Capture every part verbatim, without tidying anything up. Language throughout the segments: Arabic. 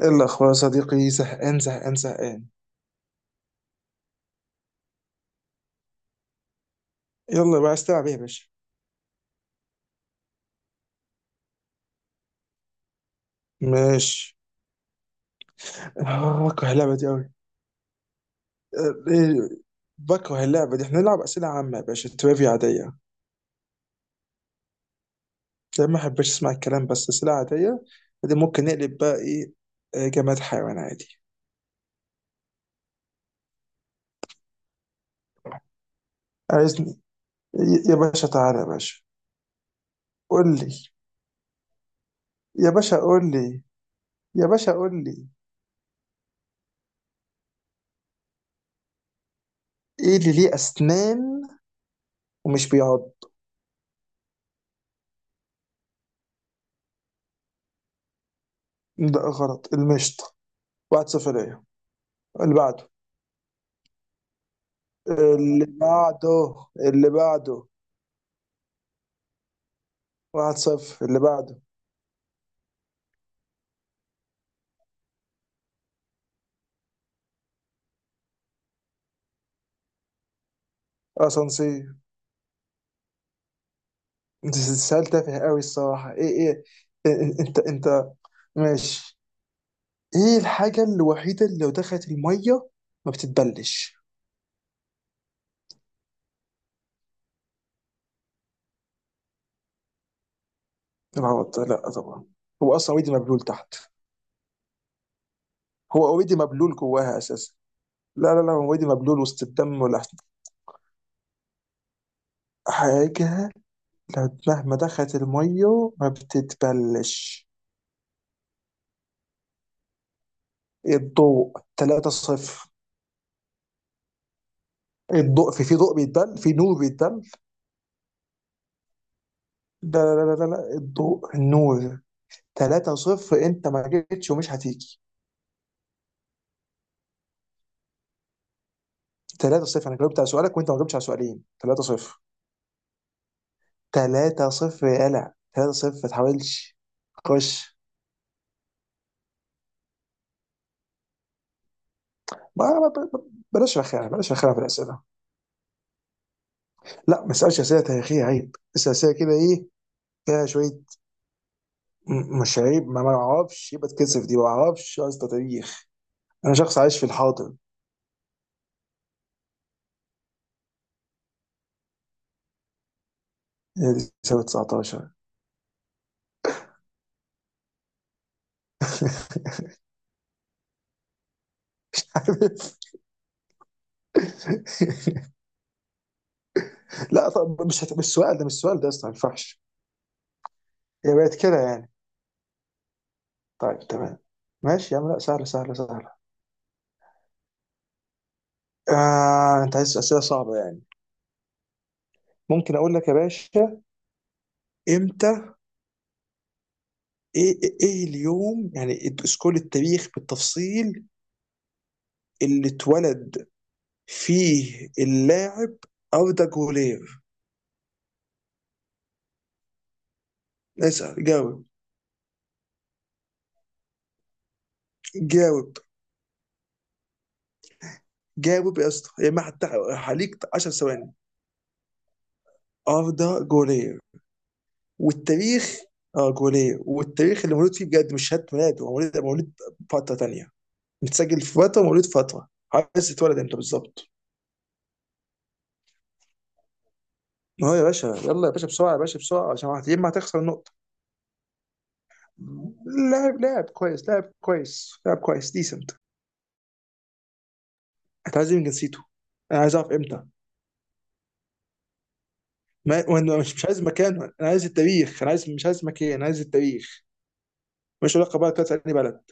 ايه الاخبار يا صديقي؟ زهقان زهقان زهقان. يلا بقى، عايز تلعب ايه يا باشا؟ ماشي. آه، بكره اللعبه دي قوي. بكره اللعبه دي احنا نلعب اسئله عامه يا باشا، تريفيا عاديه. ده ما احبش، اسمع الكلام بس اسئله عاديه. دي ممكن نقلب بقى ايه؟ آه، جماد حيوان عادي. عايزني؟ ي- يا باشا تعالى يا باشا، قول لي. يا باشا قول لي. يا باشا قول لي. ايه اللي ليه اسنان ومش بيعض؟ لا غلط، المشط. واحد صفر ليا. اللي بعده، اللي بعده. اللي بعده. واحد صفر، اللي بعده. اسانسير. انت سؤال تافه قوي الصراحه، ايه ايه إيه- إيه، انت انت. ماشي. ايه الحاجه الوحيده اللي لو دخلت الميه ما بتتبلش؟ العوض لا طبعا. هو اصلا اوريدي مبلول تحت. هو اوريدي مبلول جواها اساسا. لا لا لا، هو اوريدي مبلول وسط الدم ولا؟ حاجه لو مهما دخلت الميه ما بتتبلش. الضوء. ثلاثة صفر. الضوء، في في ضوء بيتبل، في نور بيتبل. لا لا لا لا لا، الضوء، النور. ثلاثة صفر، انت ما جيتش ومش هتيجي. ثلاثة صفر، انا جاوبت على سؤالك وانت ما جاوبتش على سؤالين. ثلاثة صفر. ثلاثة صفر يا قلع، ثلاثة صفر ما تحاولش. خش. ما ما- ما- بلاش رخامه، بلاش رخامه في الاسئله. لا ما اسالش اسئله تاريخيه، عيب. اسال اسئله كده ايه؟ فيها شويه. م- مش عيب ما ما اعرفش، يبقى اتكسف دي. ما اعرفش اصلا تاريخ. انا شخص عايش في الحاضر. هي دي سنه تسعتاشر. عارف. لا طب، مش هت... مش السؤال ده مش السؤال ده اصلا ما ينفعش. هي بقت كده يعني. طيب، تمام. ماشي يا عم، لا سهله سهله سهله. آه، انت عايز اسئله صعبه يعني. ممكن اقول لك يا باشا امتى. ايه ايه إيه اليوم يعني؟ اسكول التاريخ بالتفصيل. اللي اتولد فيه اللاعب اردا جولير. اسال، جاوب. جاوب. جاوب يا اسطى، يا ما حتى- عليك 10 ثواني. اردا جولير، والتاريخ. اه، جوليه، والتاريخ اللي مولود فيه بجد، مش شهاده ميلاد. هو مولود مولود، فتره تانيه. متسجل في فتره، مولود فتره. عايز تتولد امتى بالظبط؟ اه يا باشا، يلا يا باشا بسرعه، يا باشا بسرعه عشان هت- يا اما هتخسر نقطه. لاعب، لاعب كويس لاعب كويس لاعب كويس، ديسنت. انت عايز إيه من جنسيته؟ انا عايز اعرف امتى. ما وأنا، مش مش عايز مكان، انا عايز التاريخ. انا عايز مش عايز مكان، انا عايز التاريخ. مش علاقه بقى بتاعت اي بلد.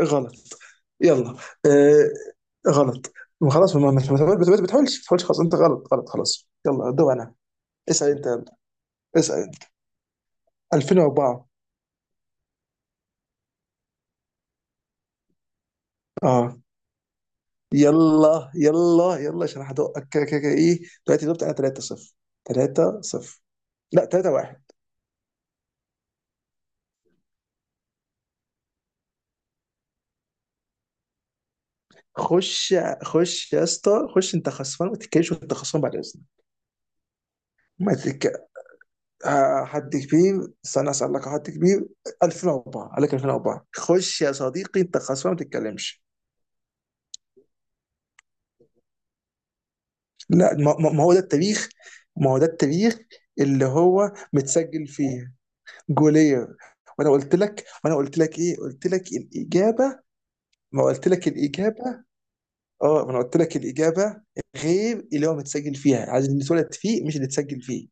غلط. يلا. آه. غلط. خلاص، ما ما- ما- ما بتحاولش ما تحاولش. خلاص انت غلط، غلط. خلاص يلا، دور انا. اسال انت، يلا. اسال انت. ألفين وأربعة. اه، يلا يلا يلا عشان هدقك كده كده كده، ايه. دلوقتي جبت انا ثلاثة صفر. ثلاثة صفر. لا، ثلاثة واحد. خش. خش يا اسطى خش، انت خسران، ما تتكلمش وانت خسران بعد اذنك. ما تتك... آه، حد كبير، استنى اسالك حد كبير. ألفين أربعة. عليك ألفين أربعة. خش يا صديقي، انت خسران، ما تتكلمش. لا، ما ما- ما هو ده التاريخ. ما هو ده التاريخ اللي هو متسجل فيه. جولير. وانا قلت لك وانا قلت لك ايه؟ قلت لك الاجابه. ما قلت لك الاجابه. اه، ما انا قلت لك الاجابه، غير اللي هو متسجل فيها. عايز اللي اتولد فيه، مش اللي اتسجل فيه.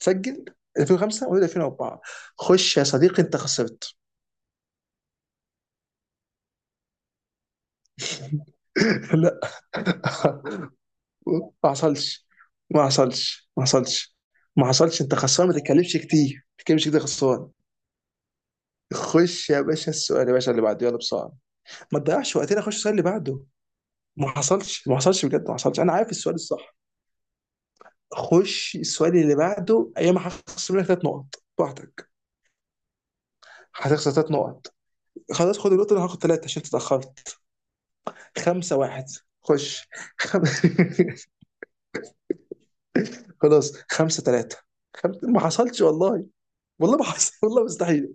اتسجل ألفين وخمسة، ولد ألفين وأربعة. خش يا صديقي انت خسرت. لا. ما حصلش. ما حصلش، ما حصلش. ما حصلش، انت خسران ما تتكلمش كتير، ما تتكلمش كده، خسران. خش يا باشا، السؤال يا باشا اللي بعده، يلا بسرعه. ما تضيعش وقتنا، خش السؤال اللي بعده. ما حصلش، ما حصلش بجد، ما حصلش. انا عارف السؤال الصح. خش السؤال اللي بعده. ايام هخسر منك ثلاث نقط براحتك. هتخسر ثلاث نقط. خلاص خد النقطه، انا هاخد ثلاثه عشان تتاخرت. خمسه واحد. خش. خم... خلاص، خمسه ثلاثه. خم... ما حصلش والله. والله ما حصل. والله مستحيل.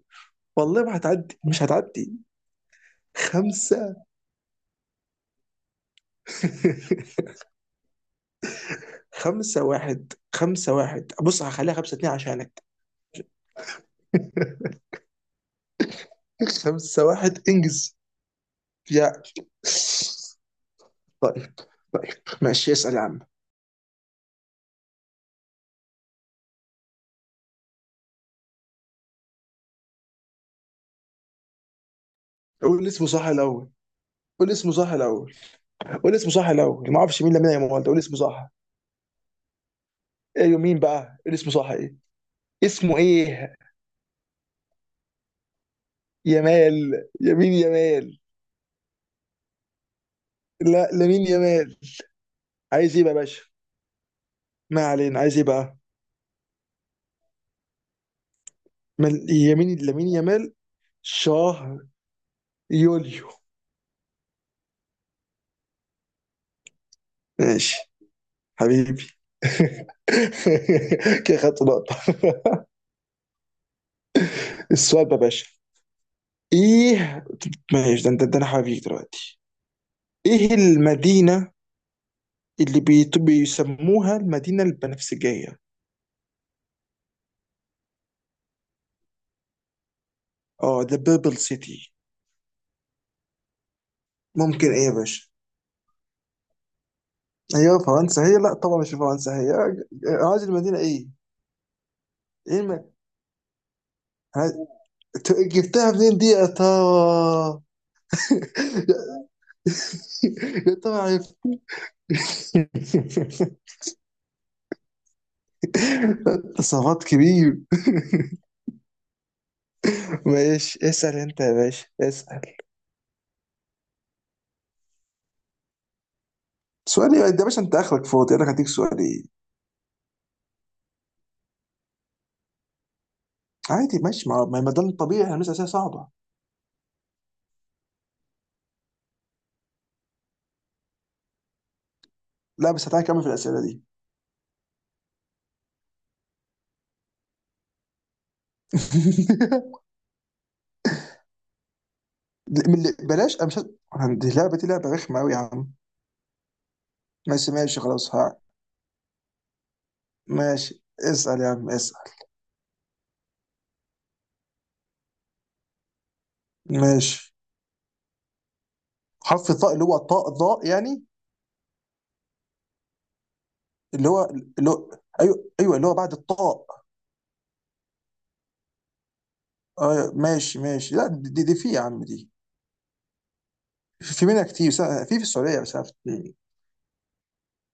والله ما هتعدي مش هتعدي. خمسة. خمسة واحد خمسة واحد، بص هخليها خمسة اتنين عشانك. خمسة واحد، انجز. يا. طيب. طيب ماشي، اسأل يا عم. قول اسمه صح الأول. قول اسمه صح الأول. قول اسمه صح الأول. ما اعرفش مين لامين يامال ده، قول اسمه صح. ايوه، مين بقى؟ قول اسمه صح، ايه؟ اسمه ايه؟ يمال يمين يمال. لا، لامين يمال. عايز ايه بقى يا باشا؟ ما علينا، عايز ايه بقى؟ مال- يمين لامين يمال. شهر. يوليو. ماشي. حبيبي. كده خدت نقطة. السؤال بقى يا باشا. ايه. ماشي، ده انت، ده انا حبيبي دلوقتي. ايه المدينة اللي بيت- بيسموها المدينة البنفسجية؟ اه، ذا بيربل سيتي. ممكن ايه يا باشا؟ هي فرنسا هي؟ لا طبعا، مش فرنسا هي. أنا عايز المدينة، ايه؟ ايه الم... ها- ت- جبتها منين دي يا ترى؟ يا ترى عرفت. تصرفات كبير. ماشي، اسأل انت يا باشا، اسأل. سؤالي ده يا باشا، انت اخرك فاضي، انا هديك سؤالي. عادي ماشي، ما ما ما ده الطبيعي، احنا بنسال اسئله صعبه. لا بس تعالى نكمل في الاسئله دي. من اللي- بلاش، انا مش ه- عندي لعبه، دي لعبه رخمه قوي يا عم. ماشي ماشي خلاص، ها. ماشي، اسال يا عم اسال. ماشي. حرف الطاء، اللي هو طاء، ضاء يعني. اللي هو. اللي هو. ايوه ايوه، اللي هو بعد الطاء. آه ماشي ماشي، لا دي, دي في يا عم دي. في منها كتير، س- في في السعوديه بس عرفت اتنين.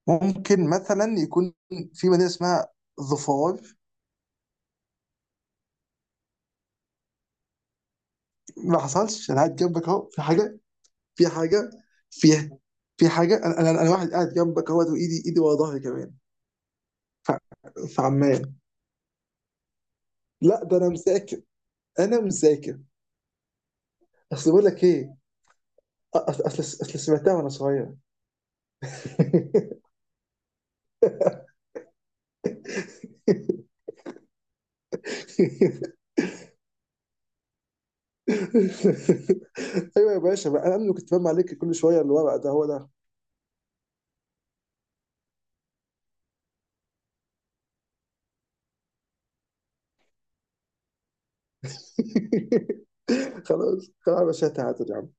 ممكن مثلا يكون في مدينه اسمها ظفار. ما حصلش، انا قاعد جنبك اهو، في حاجه. في حاجه. في. في حاجه، انا انا أنا واحد قاعد جنبك اهوت، وايدي ايدي ورا ظهري كمان. ف- فعمال. لا، ده انا مذاكر. انا مذاكر. اصل بقول لك ايه. أ- اصل اصل أصل سمعتها وانا صغير. ايوه يا باشا بقى، انا اللي كنت فاهم عليك، كل شويه الورق ده هو ده. خلاص خلاص يا باشا، تعادل يا عم.